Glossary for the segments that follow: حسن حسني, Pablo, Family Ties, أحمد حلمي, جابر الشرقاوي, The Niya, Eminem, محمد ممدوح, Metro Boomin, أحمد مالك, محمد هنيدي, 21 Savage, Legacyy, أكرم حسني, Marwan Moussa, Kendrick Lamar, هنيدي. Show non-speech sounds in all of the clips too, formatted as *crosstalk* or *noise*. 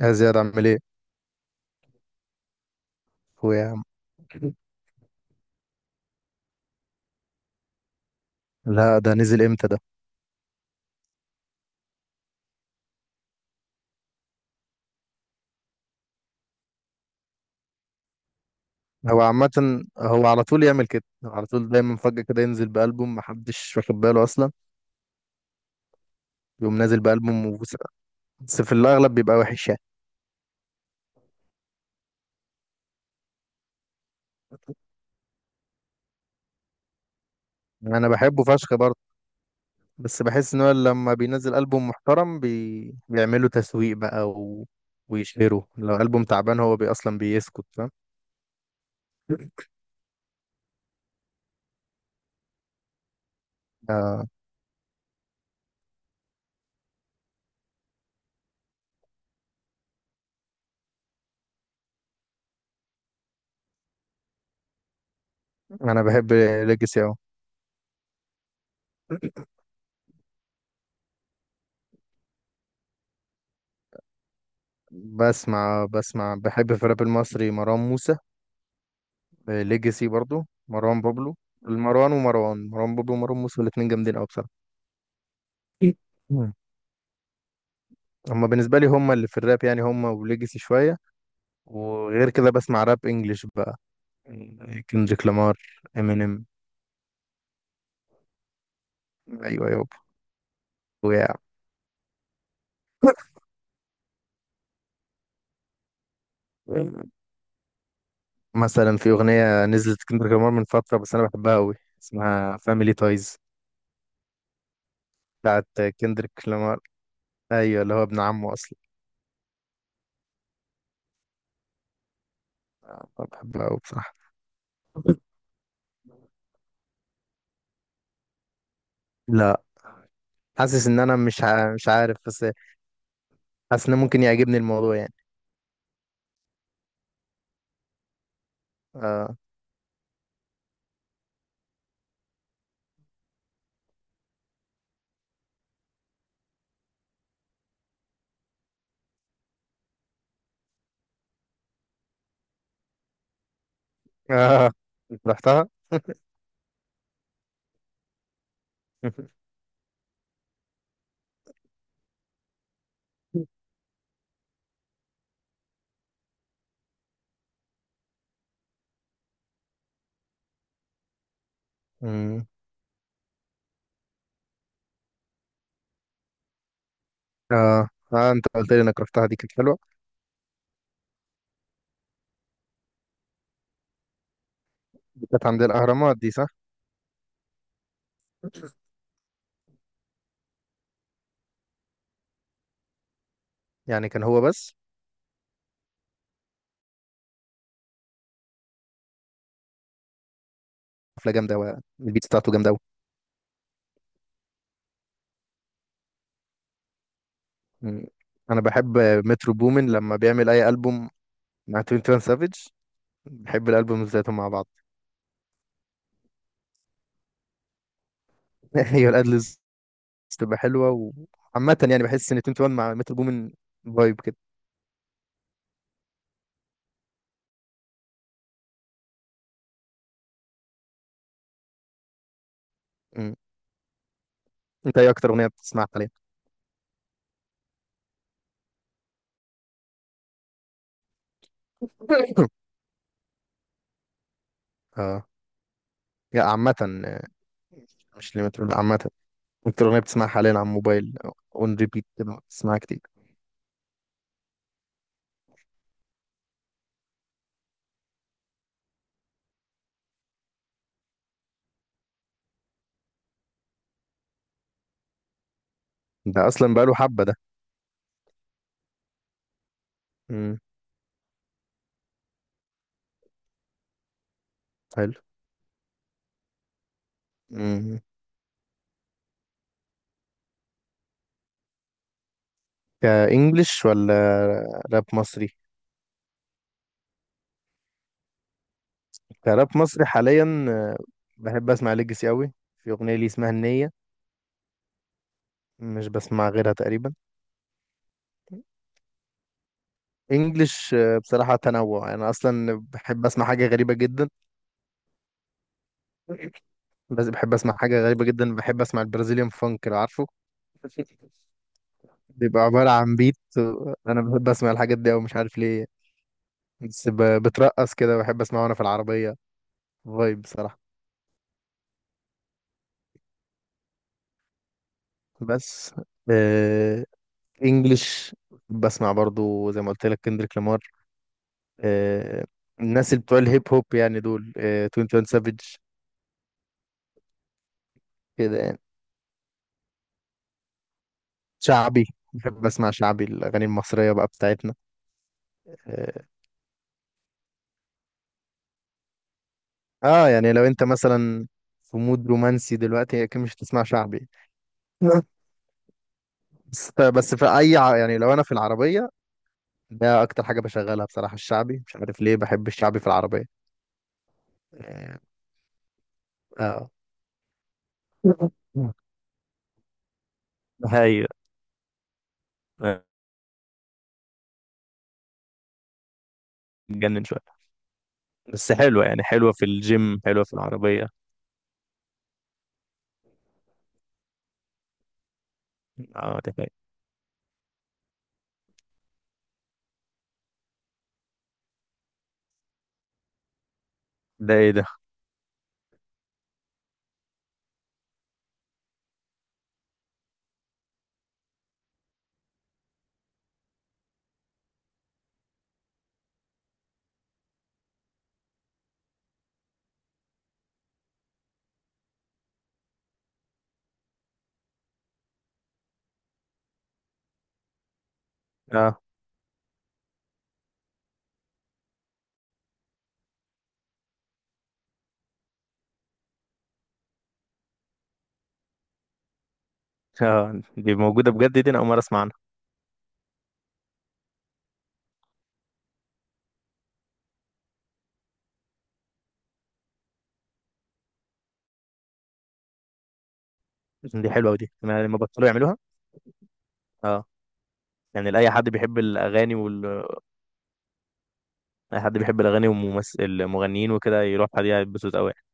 يا زياد عامل ايه؟ اخويا يا عم. لا ده نزل امتى ده؟ هو عامة هو على طول يعمل كده على طول دايما فجأة كده ينزل بألبوم محدش واخد باله اصلا، يقوم نازل بألبوم بس في الاغلب بيبقى وحش يعني. انا بحبه فشخ برضه، بس بحس ان هو لما بينزل ألبوم محترم بيعملوا تسويق بقى، و... ويشهروا لو ألبوم تعبان هو بي اصلا بيسكت، فاهم؟ آه، انا بحب ليجاسي اهو. بسمع بحب في الراب المصري مروان موسى، ليجاسي برضو، مروان بابلو، المروان، ومروان بابلو ومروان موسى الاتنين جامدين قوي بصراحة. إيه. مم. هما بالنسبة لي هما اللي في الراب يعني، هما وليجاسي شوية. وغير كده بسمع راب انجلش بقى، كندريك لامار، امينيم. ايوه يابا ويا. مثلا في اغنية نزلت كندريك لامار من فترة بس انا بحبها قوي، اسمها فاميلي تايز، بتاعت كندريك لامار. ايوه، اللي هو ابن عمه اصلا. بحبها قوي بصراحة. لا، حاسس ان انا مش عارف، بس حاسس ان ممكن يعجبني الموضوع يعني. اه اه، انت رحتها؟ امم. اه اه، انت قلت لي انك رحتها، دي كانت حلوه. دي كانت عند الاهرامات دي، صح؟ يعني كان هو بس؟ حفله جامده قوي، البيت بتاعته جامده قوي. مم. انا بحب مترو بومن لما بيعمل اي البوم مع 21 سافيج، بحب الالبوم ذاتهم مع بعض. *laughs* هي الادلز بتبقى حلوه وعامه، يعني بحس ان 21 مع مترو بومن فايب كده. مم. انت ايه اكتر اغنيه بتسمعها حاليا؟ *coughs* اه، يا عامه، آه، مش لمترو، لا عامه، انت الاغنيه بتسمعها حاليا على الموبايل اون ريبيت كده بتسمعها كتير. ده اصلا بقاله حبه ده. امم. حلو. امم. كانجلش ولا راب مصري؟ كراب مصري حاليا آه، بحب اسمع ليجاسي قوي، في اغنيه لي اسمها النيه، مش بسمع غيرها تقريبا. انجلش آه، بصراحه تنوع، انا اصلا بحب اسمع حاجه غريبه جدا، بس بحب اسمع حاجه غريبه جدا، بحب اسمع البرازيليان فانك، لو عارفه، بيبقى عبارة عن بيت. أنا بحب أسمع الحاجات دي أوي، مش عارف ليه، بس بترقص كده، بحب اسمعه وانا في العربية، فايب بصراحة. بس آه، انجلش، بسمع برضو زي ما قلت لك كندريك لامار، آه، الناس اللي بتوع الهيب هوب يعني، دول آه 21 سافيج، كده يعني. شعبي، بحب اسمع شعبي، الاغاني المصرية بقى بتاعتنا. آه، اه يعني لو انت مثلا في مود رومانسي دلوقتي اكيد مش هتسمع شعبي. *laughs* بس في يعني لو انا في العربية، ده اكتر حاجة بشغلها بصراحة، الشعبي مش عارف ليه بحب الشعبي في العربية. آه، اه. مم. هاي. جنن شويه، بس حلوه يعني، حلوه في الجيم حلوه في العربيه. اه ده حقيقي. ده ايه ده؟ اه. اه دي موجوده بجد؟ دي انا اول مره اسمع عنها. دي حلوه، ودي انا لما بطلوا يعملوها. اه، يعني لاي حد بيحب الاغاني وال... اي حد بيحب الاغاني والممثل المغنيين وكده يروح دي هيتبسط قوي يعني.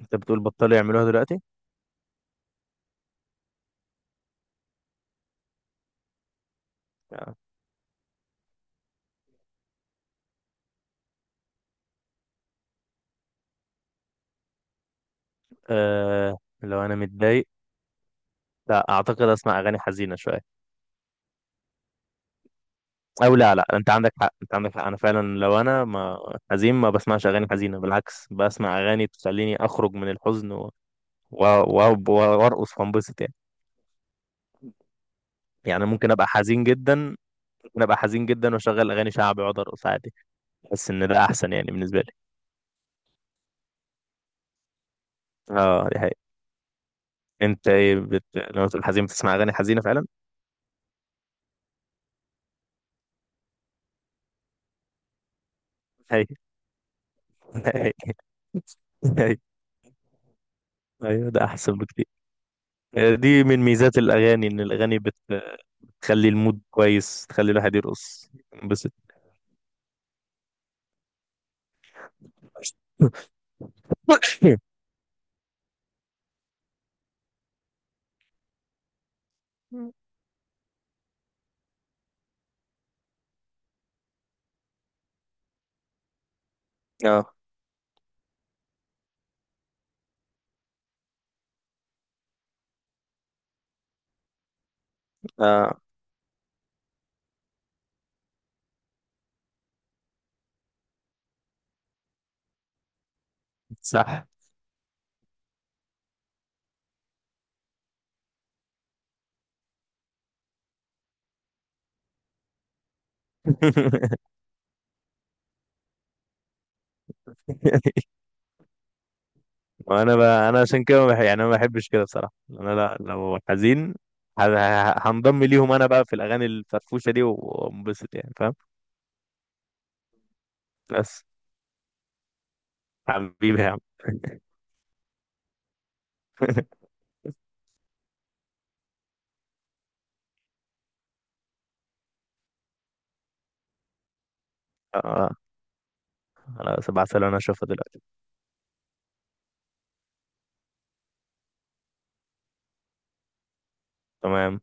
انت بتقول بطلوا يعملوها دلوقتي؟ آه. آه، لو انا متضايق لا اعتقد اسمع اغاني حزينه شويه. او لا لا، انت عندك حق انت عندك حق، انا فعلا لو انا ما حزين ما بسمعش اغاني حزينه، بالعكس بسمع اغاني تخليني اخرج من الحزن وارقص وانبسط يعني. يعني ممكن ابقى حزين جدا، ممكن ابقى حزين جدا واشغل اغاني شعبي واقعد ارقص عادي. بحس ان ده احسن يعني بالنسبه لي. اه دي حقيقة. انت ايه لما تقول حزين بتسمع اغاني حزينه فعلا؟ هي هي هي. ايوه ده احسن بكتير. آه، دي من ميزات الاغاني ان بتخلي المود كويس، تخلي الواحد يرقص، ينبسط. اه اه صح. *laughs* وانا بقى انا عشان كده ما بح- يعني انا ما بحبش كده بصراحه، انا لا لو حزين هنضم ليهم، انا بقى في الاغاني الفرفوشه دي وانبسط يعني، فاهم؟ بس حبيبي يا عم. *laughs* آه، خلاص، ابعتها لي انا اشوفها دلوقتي. تمام.